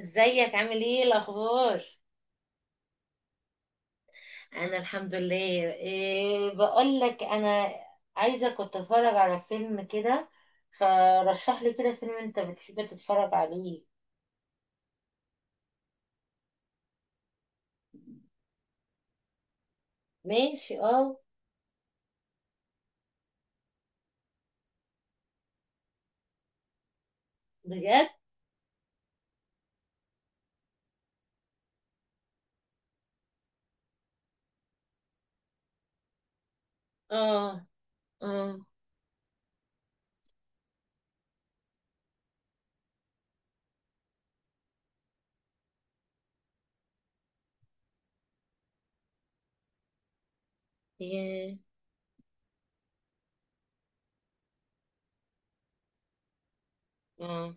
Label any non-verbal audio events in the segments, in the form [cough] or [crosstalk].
ازيك، عامل ايه، الاخبار؟ انا الحمد لله. إيه بقول لك، انا عايزه، كنت اتفرج على فيلم كده، فرشح لي كده فيلم انت بتحب تتفرج عليه. ماشي اه. بجد. اه. اه. ياه. اه.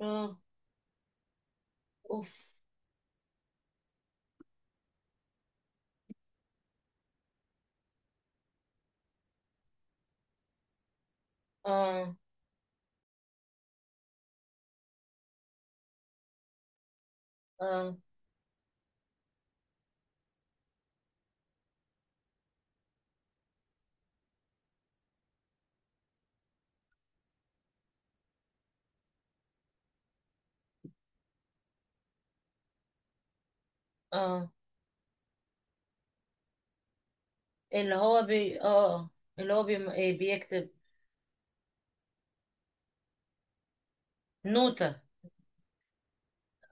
اه. اوف. اه. اه. اه. اللي هو بي اه آه. اللي هو إيه، بيكتب نوتة.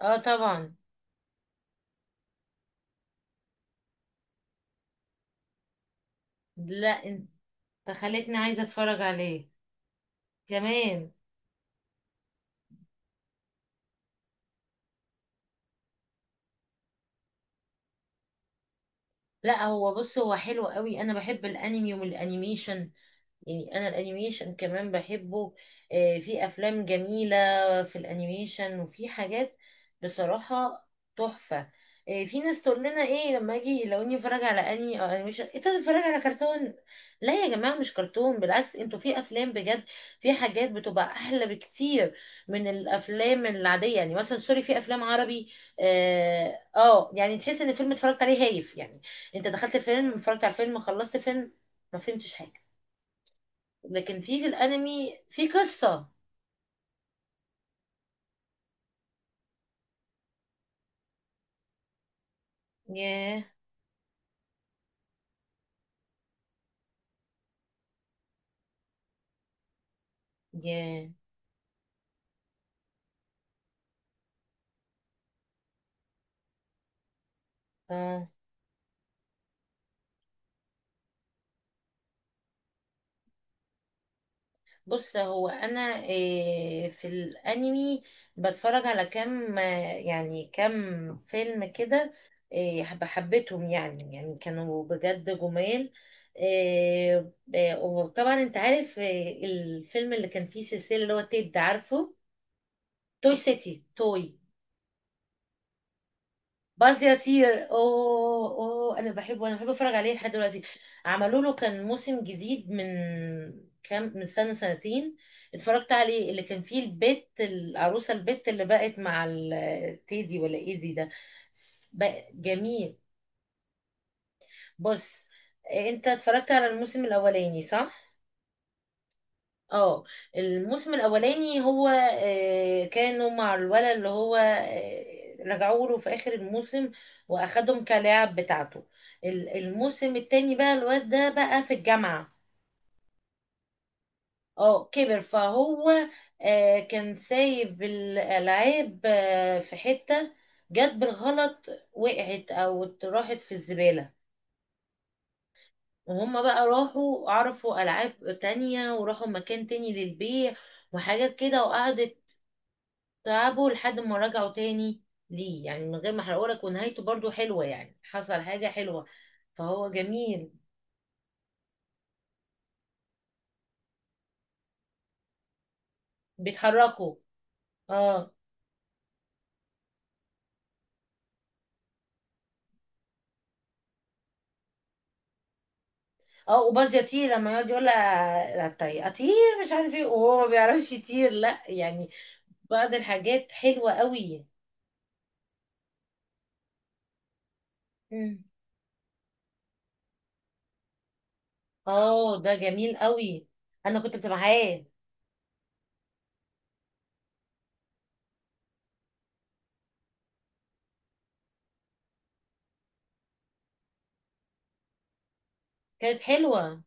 اه طبعا. لا انت خليتني عايزه اتفرج عليه. كمان. لا هو بص، هو حلو قوي، انا بحب الانمي والانيميشن. يعني انا الانيميشن كمان بحبه. آه، في افلام جميلة في الانيميشن وفي حاجات، بصراحة تحفة. آه، في ناس تقول لنا ايه لما اجي، لو اني اتفرج على انمي او انيميشن انت بتتفرج على كرتون. لا يا جماعة، مش كرتون، بالعكس انتوا، في افلام بجد، في حاجات بتبقى احلى بكتير من الافلام العادية، يعني مثلا سوري في افلام عربي. اه آه، يعني تحس ان الفيلم اتفرجت عليه هايف يعني. انت دخلت فيلم، اتفرجت على فيلم، خلصت فيلم، ما فهمتش حاجه. لكن في الانمي في قصه. ياه. ياه. اه. بص هو انا إيه في الانمي بتفرج على كام آه، يعني كام فيلم كده، إيه حبيتهم يعني، يعني كانوا بجد جمال. إيه إيه، وطبعا انت عارف إيه الفيلم اللي كان فيه سلسله اللي هو تيد، عارفه توي سيتي توي باز يطير؟ اوه اوه، انا بحبه، انا بحب اتفرج عليه لحد دلوقتي. عملوا له كان موسم جديد من كام، من سنة سنتين اتفرجت عليه، اللي كان فيه البت العروسة، البت اللي بقت مع التيدي ولا ايدي ده، بقى جميل. بص، إيه، انت اتفرجت على الموسم الاولاني صح؟ اه. الموسم الاولاني هو آه، كانوا مع الولد اللي هو آه، رجعوا له في اخر الموسم واخدهم كلاعب بتاعته. الموسم التاني بقى الواد ده بقى في الجامعة. اه كبر فهو آه، كان سايب الالعاب آه، في حتة جت بالغلط. وقعت او راحت في الزبالة. وهم بقى راحوا عرفوا العاب تانية وراحوا مكان تاني للبيع وحاجات كده، وقعدت تعبوا لحد ما رجعوا تاني ليه، يعني من غير ما احرقهولك، ونهايته برضو حلوة، يعني حصل حاجة حلوة، فهو جميل. بيتحركوا. اه. اه، وباز يطير لما يقعد يقول لها طيب اطير، مش عارف ايه، وهو ما بيعرفش يطير، لا يعني. بعض الحاجات حلوة قوي. مم. اه ده جميل قوي، انا كنت معاه. كانت حلوة.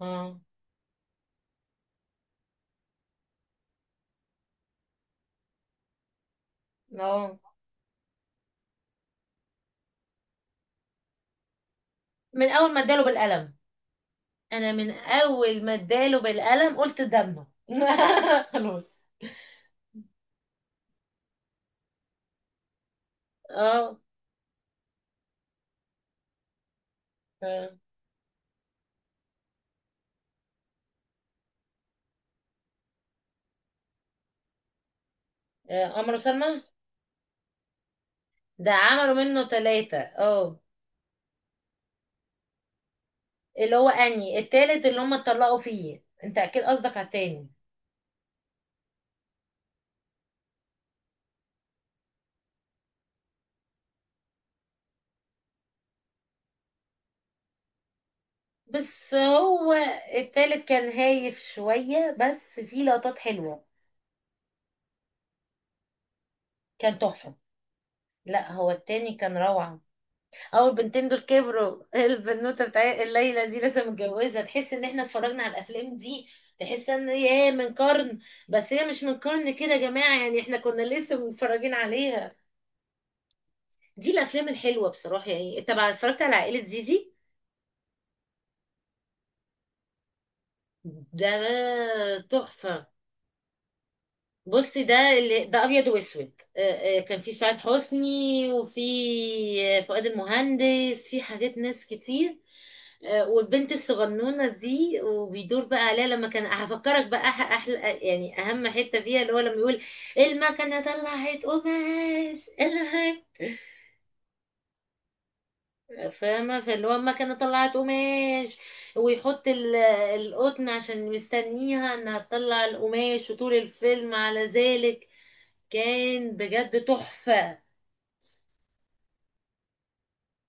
اه. اه من اول ما اداله بالقلم. انا من اول ما اداله بالقلم قلت دمه. [laughs] خلاص. اه. آه، اه، عمرو سلمى. ده عملوا منه ثلاثة اه. اللي هو اني التالت اللي هم اتطلقوا فيه، انت اكيد قصدك على التاني. بس هو التالت كان هايف شوية بس فيه لقطات حلوة. كان تحفة. لا هو التاني كان روعة. او البنتين دول كبروا. [laughs] البنوتة بتاع الليلة دي لسه متجوزة، تحس ان احنا اتفرجنا على الافلام دي، تحس ان هي من قرن. بس هي مش من قرن كده يا جماعة، يعني احنا كنا لسه متفرجين عليها. دي الافلام الحلوه بصراحه، يعني طبعا اتفرجت على عائله زيزي. ده تحفه. بصي ده اللي ده ابيض واسود آه، آه، كان في سعاد حسني وفي آه، فؤاد المهندس، في حاجات ناس كتير. آه، والبنت الصغنونه دي وبيدور بقى عليها لما كان، هفكرك بقى احلى يعني اهم حته فيها اللي هو لما يقول المكنه طلعت قماش الهك. فاهمة، فاللي هو المكنة طلعت قماش، ويحط القطن عشان مستنيها انها تطلع القماش وطول الفيلم على ذلك. كان بجد تحفة.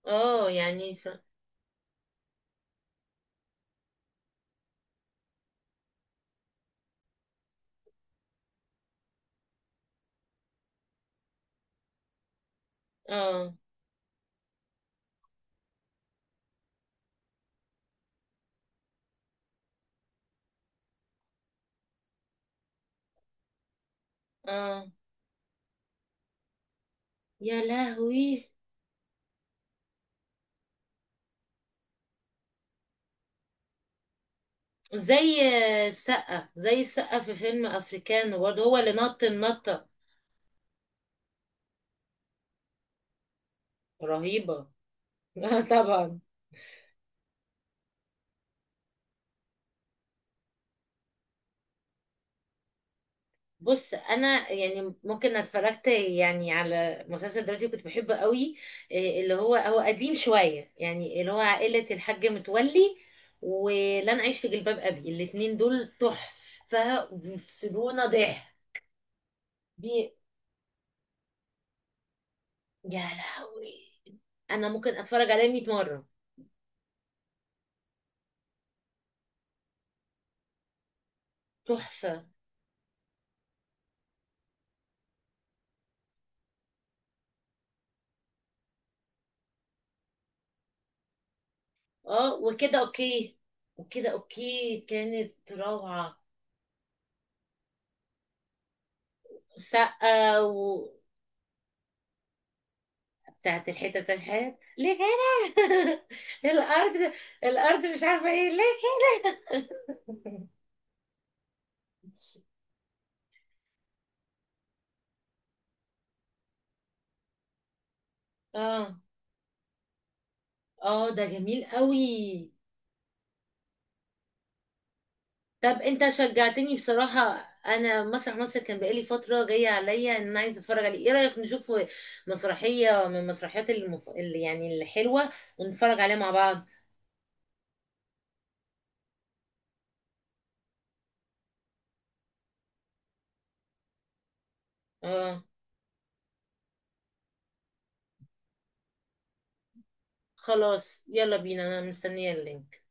اه يعني اه. اه يا لهوي. زي السقة، زي السقة في فيلم افريكانو، برضه هو اللي نط النطة. رهيبة. [laughs] طبعا. بص انا يعني ممكن اتفرجت يعني على مسلسل دلوقتي كنت بحبه قوي، إيه اللي هو، هو قديم شويه يعني اللي هو عائله الحاج متولي ولن اعيش في جلباب ابي، الاتنين دول تحفه وبيفصلونا ضحك. بي... يا لهوي، انا ممكن اتفرج عليه 100 مره. تحفه. اه وكده اوكي. وكده اوكي كانت روعه. سقا. بتاعت الحتة بتاعت الحياة ليه كده. [laughs] الأرض. الأرض مش عارفة ايه ليه. اه. اه ده جميل قوي. طب انت شجعتني بصراحة، انا مسرح مصر كان بقالي فترة جاية عليا ان انا عايزة اتفرج عليه، ايه رأيك نشوف مسرحية من المسرحيات اللي يعني الحلوة، ونتفرج عليها مع بعض. اه خلاص يلا بينا، انا مستنية اللينك.